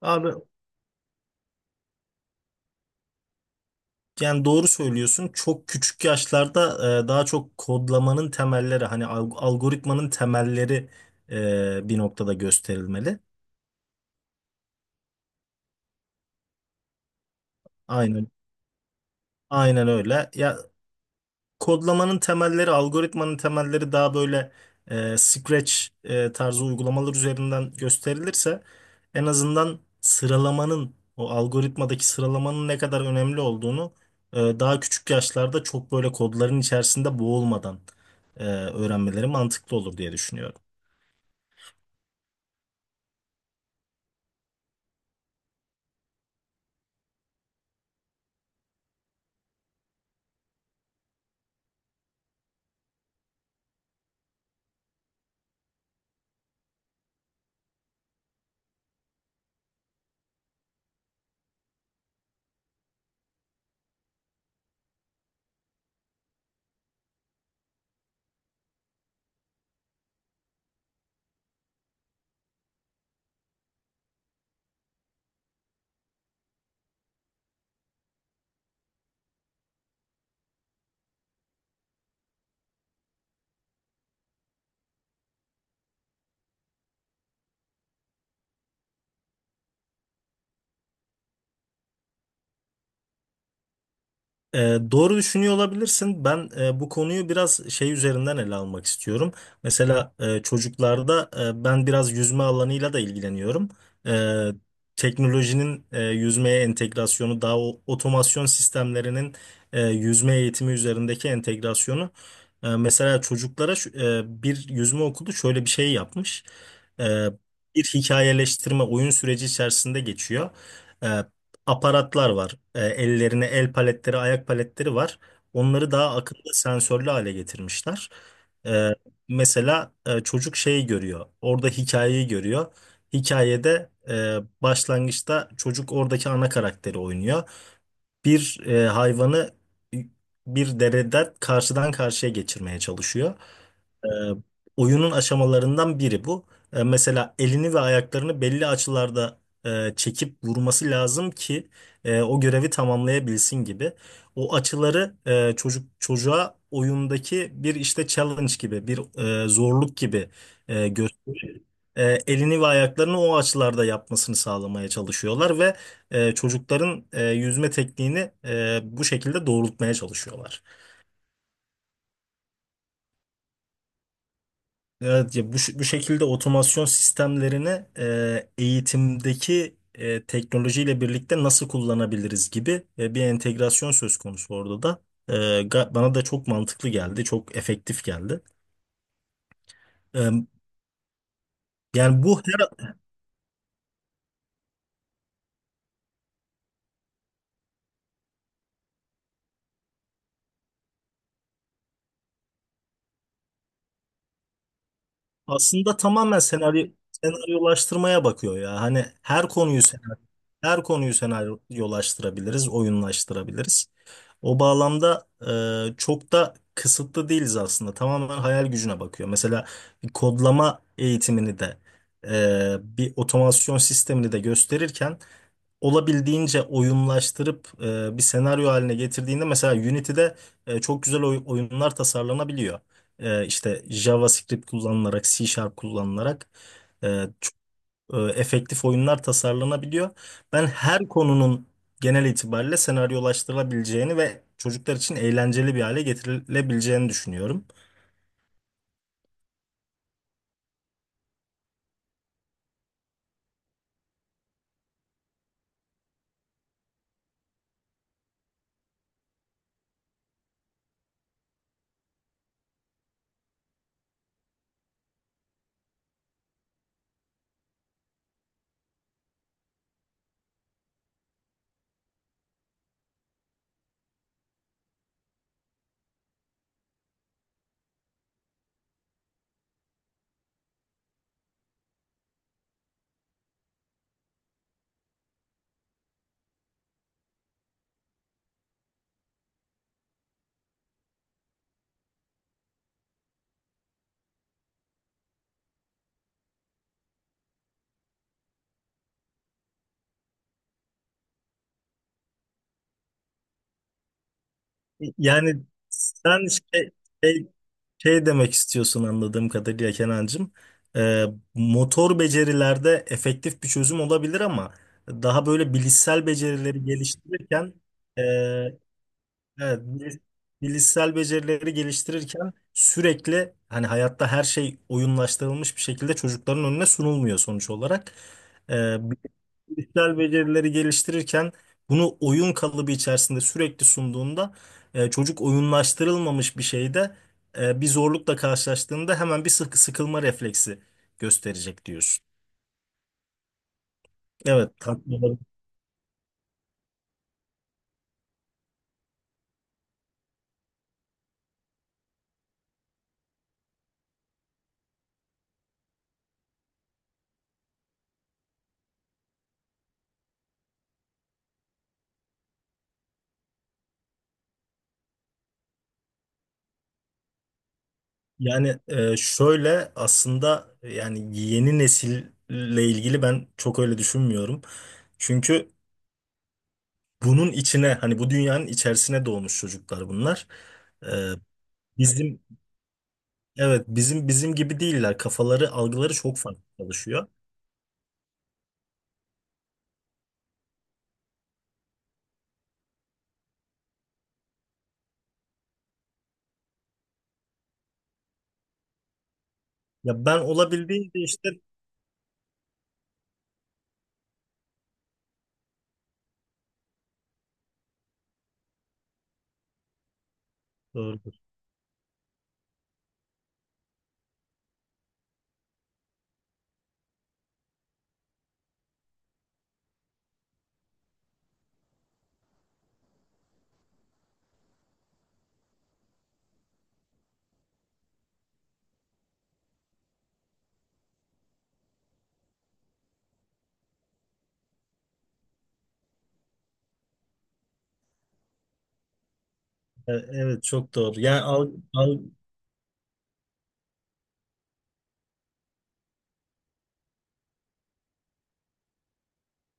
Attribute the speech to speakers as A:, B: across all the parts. A: Abi yani doğru söylüyorsun. Çok küçük yaşlarda daha çok kodlamanın temelleri hani algoritmanın temelleri bir noktada gösterilmeli. Aynen aynen öyle. Ya kodlamanın temelleri, algoritmanın temelleri daha böyle Scratch tarzı uygulamalar üzerinden gösterilirse en azından sıralamanın o algoritmadaki sıralamanın ne kadar önemli olduğunu daha küçük yaşlarda çok böyle kodların içerisinde boğulmadan öğrenmeleri mantıklı olur diye düşünüyorum. E, doğru düşünüyor olabilirsin. Ben bu konuyu biraz şey üzerinden ele almak istiyorum. Mesela çocuklarda ben biraz yüzme alanıyla da ilgileniyorum. E, Teknolojinin yüzmeye entegrasyonu, daha otomasyon sistemlerinin yüzme eğitimi üzerindeki entegrasyonu. Mesela çocuklara bir yüzme okulu şöyle bir şey yapmış. E, Bir hikayeleştirme oyun süreci içerisinde geçiyor, aparatlar var. Ellerine el paletleri, ayak paletleri var. Onları daha akıllı sensörlü hale getirmişler. E, Mesela çocuk şeyi görüyor. Orada hikayeyi görüyor. Hikayede başlangıçta çocuk oradaki ana karakteri oynuyor. Bir hayvanı bir dereden karşıdan karşıya geçirmeye çalışıyor. E, Oyunun aşamalarından biri bu. Mesela elini ve ayaklarını belli açılarda çekip vurması lazım ki o görevi tamamlayabilsin gibi. O açıları çocuğa oyundaki bir işte challenge gibi, bir zorluk gibi gösterip elini ve ayaklarını o açılarda yapmasını sağlamaya çalışıyorlar ve çocukların yüzme tekniğini bu şekilde doğrultmaya çalışıyorlar. Evet, ya bu, bu şekilde otomasyon sistemlerini eğitimdeki teknolojiyle birlikte nasıl kullanabiliriz gibi bir entegrasyon söz konusu orada da. E, bana da çok mantıklı geldi, çok efektif geldi. E, Yani bu her, aslında tamamen senaryolaştırmaya bakıyor ya. Hani her konuyu senaryolaştırabiliriz, oyunlaştırabiliriz. O bağlamda çok da kısıtlı değiliz aslında. Tamamen hayal gücüne bakıyor. Mesela bir kodlama eğitimini de bir otomasyon sistemini de gösterirken olabildiğince oyunlaştırıp bir senaryo haline getirdiğinde mesela Unity'de çok güzel oyunlar tasarlanabiliyor. İşte JavaScript kullanılarak, C Sharp kullanılarak. E, efektif oyunlar tasarlanabiliyor. Ben her konunun genel itibariyle senaryolaştırılabileceğini ve çocuklar için eğlenceli bir hale getirilebileceğini düşünüyorum. Yani sen şey, şey demek istiyorsun anladığım kadarıyla Kenancığım. E, Motor becerilerde efektif bir çözüm olabilir ama daha böyle bilişsel becerileri geliştirirken e, evet, bilişsel becerileri geliştirirken sürekli hani hayatta her şey oyunlaştırılmış bir şekilde çocukların önüne sunulmuyor sonuç olarak. Ee, Bilişsel becerileri geliştirirken bunu oyun kalıbı içerisinde sürekli sunduğunda çocuk oyunlaştırılmamış bir şeyde bir zorlukla karşılaştığında hemen bir sıkılma refleksi gösterecek diyorsun. Evet, tatlı. Yani şöyle aslında yani yeni nesille ilgili ben çok öyle düşünmüyorum. Çünkü bunun içine hani bu dünyanın içerisine doğmuş çocuklar bunlar. E, Bizim, evet bizim gibi değiller. Kafaları, algıları çok farklı çalışıyor. Ya ben olabildiğince işte doğrudur. Evet, çok doğru. Yani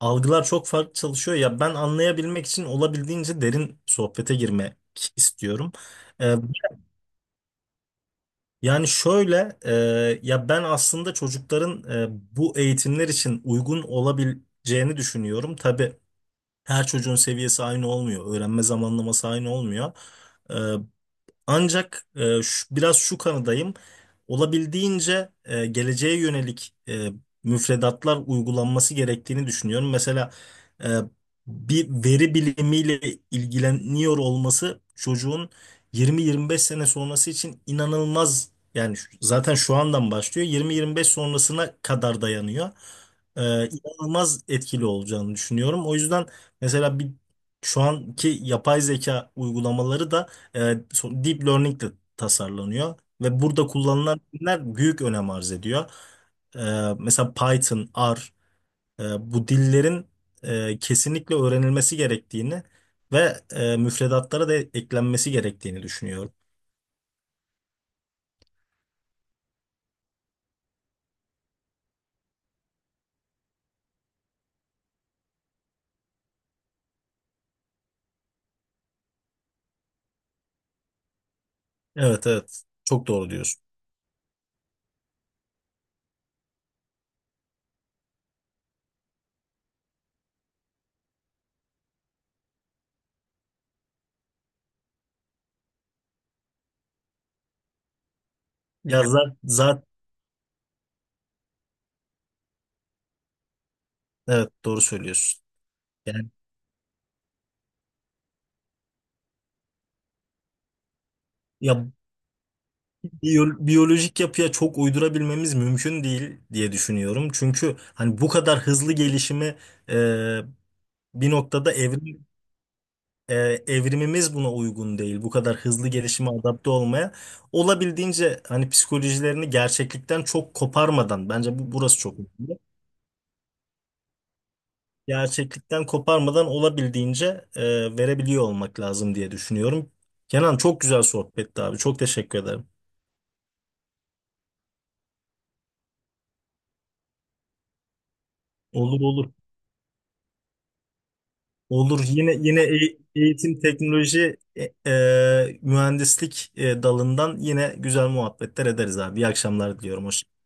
A: algılar çok farklı çalışıyor. Ya ben anlayabilmek için olabildiğince derin sohbete girmek istiyorum. Yani şöyle, ya ben aslında çocukların bu eğitimler için uygun olabileceğini düşünüyorum. Tabii her çocuğun seviyesi aynı olmuyor, öğrenme zamanlaması aynı olmuyor. E, Ancak biraz şu kanıdayım. Olabildiğince geleceğe yönelik müfredatlar uygulanması gerektiğini düşünüyorum. Mesela e, bir veri bilimiyle ilgileniyor olması çocuğun 20-25 sene sonrası için inanılmaz. Yani zaten şu andan başlıyor. 20-25 sonrasına kadar dayanıyor. İnanılmaz etkili olacağını düşünüyorum. O yüzden mesela bir şu anki yapay zeka uygulamaları da deep learning de tasarlanıyor ve burada kullanılan diller büyük önem arz ediyor. E, Mesela Python, R, bu dillerin kesinlikle öğrenilmesi gerektiğini ve müfredatlara da eklenmesi gerektiğini düşünüyorum. Evet evet, çok doğru diyorsun. Ya zaten evet doğru söylüyorsun. Yani ya biyolojik yapıya çok uydurabilmemiz mümkün değil diye düşünüyorum. Çünkü hani bu kadar hızlı gelişimi e, bir noktada e, evrimimiz buna uygun değil. Bu kadar hızlı gelişime adapte olmaya. Olabildiğince hani psikolojilerini gerçeklikten çok koparmadan, bence bu, burası çok önemli. Gerçeklikten koparmadan olabildiğince verebiliyor olmak lazım diye düşünüyorum. Kenan, çok güzel sohbetti abi. Çok teşekkür ederim. Olur olur. Olur. Yine yine eğitim, teknoloji, mühendislik dalından yine güzel muhabbetler ederiz abi. İyi akşamlar diliyorum. Hoşça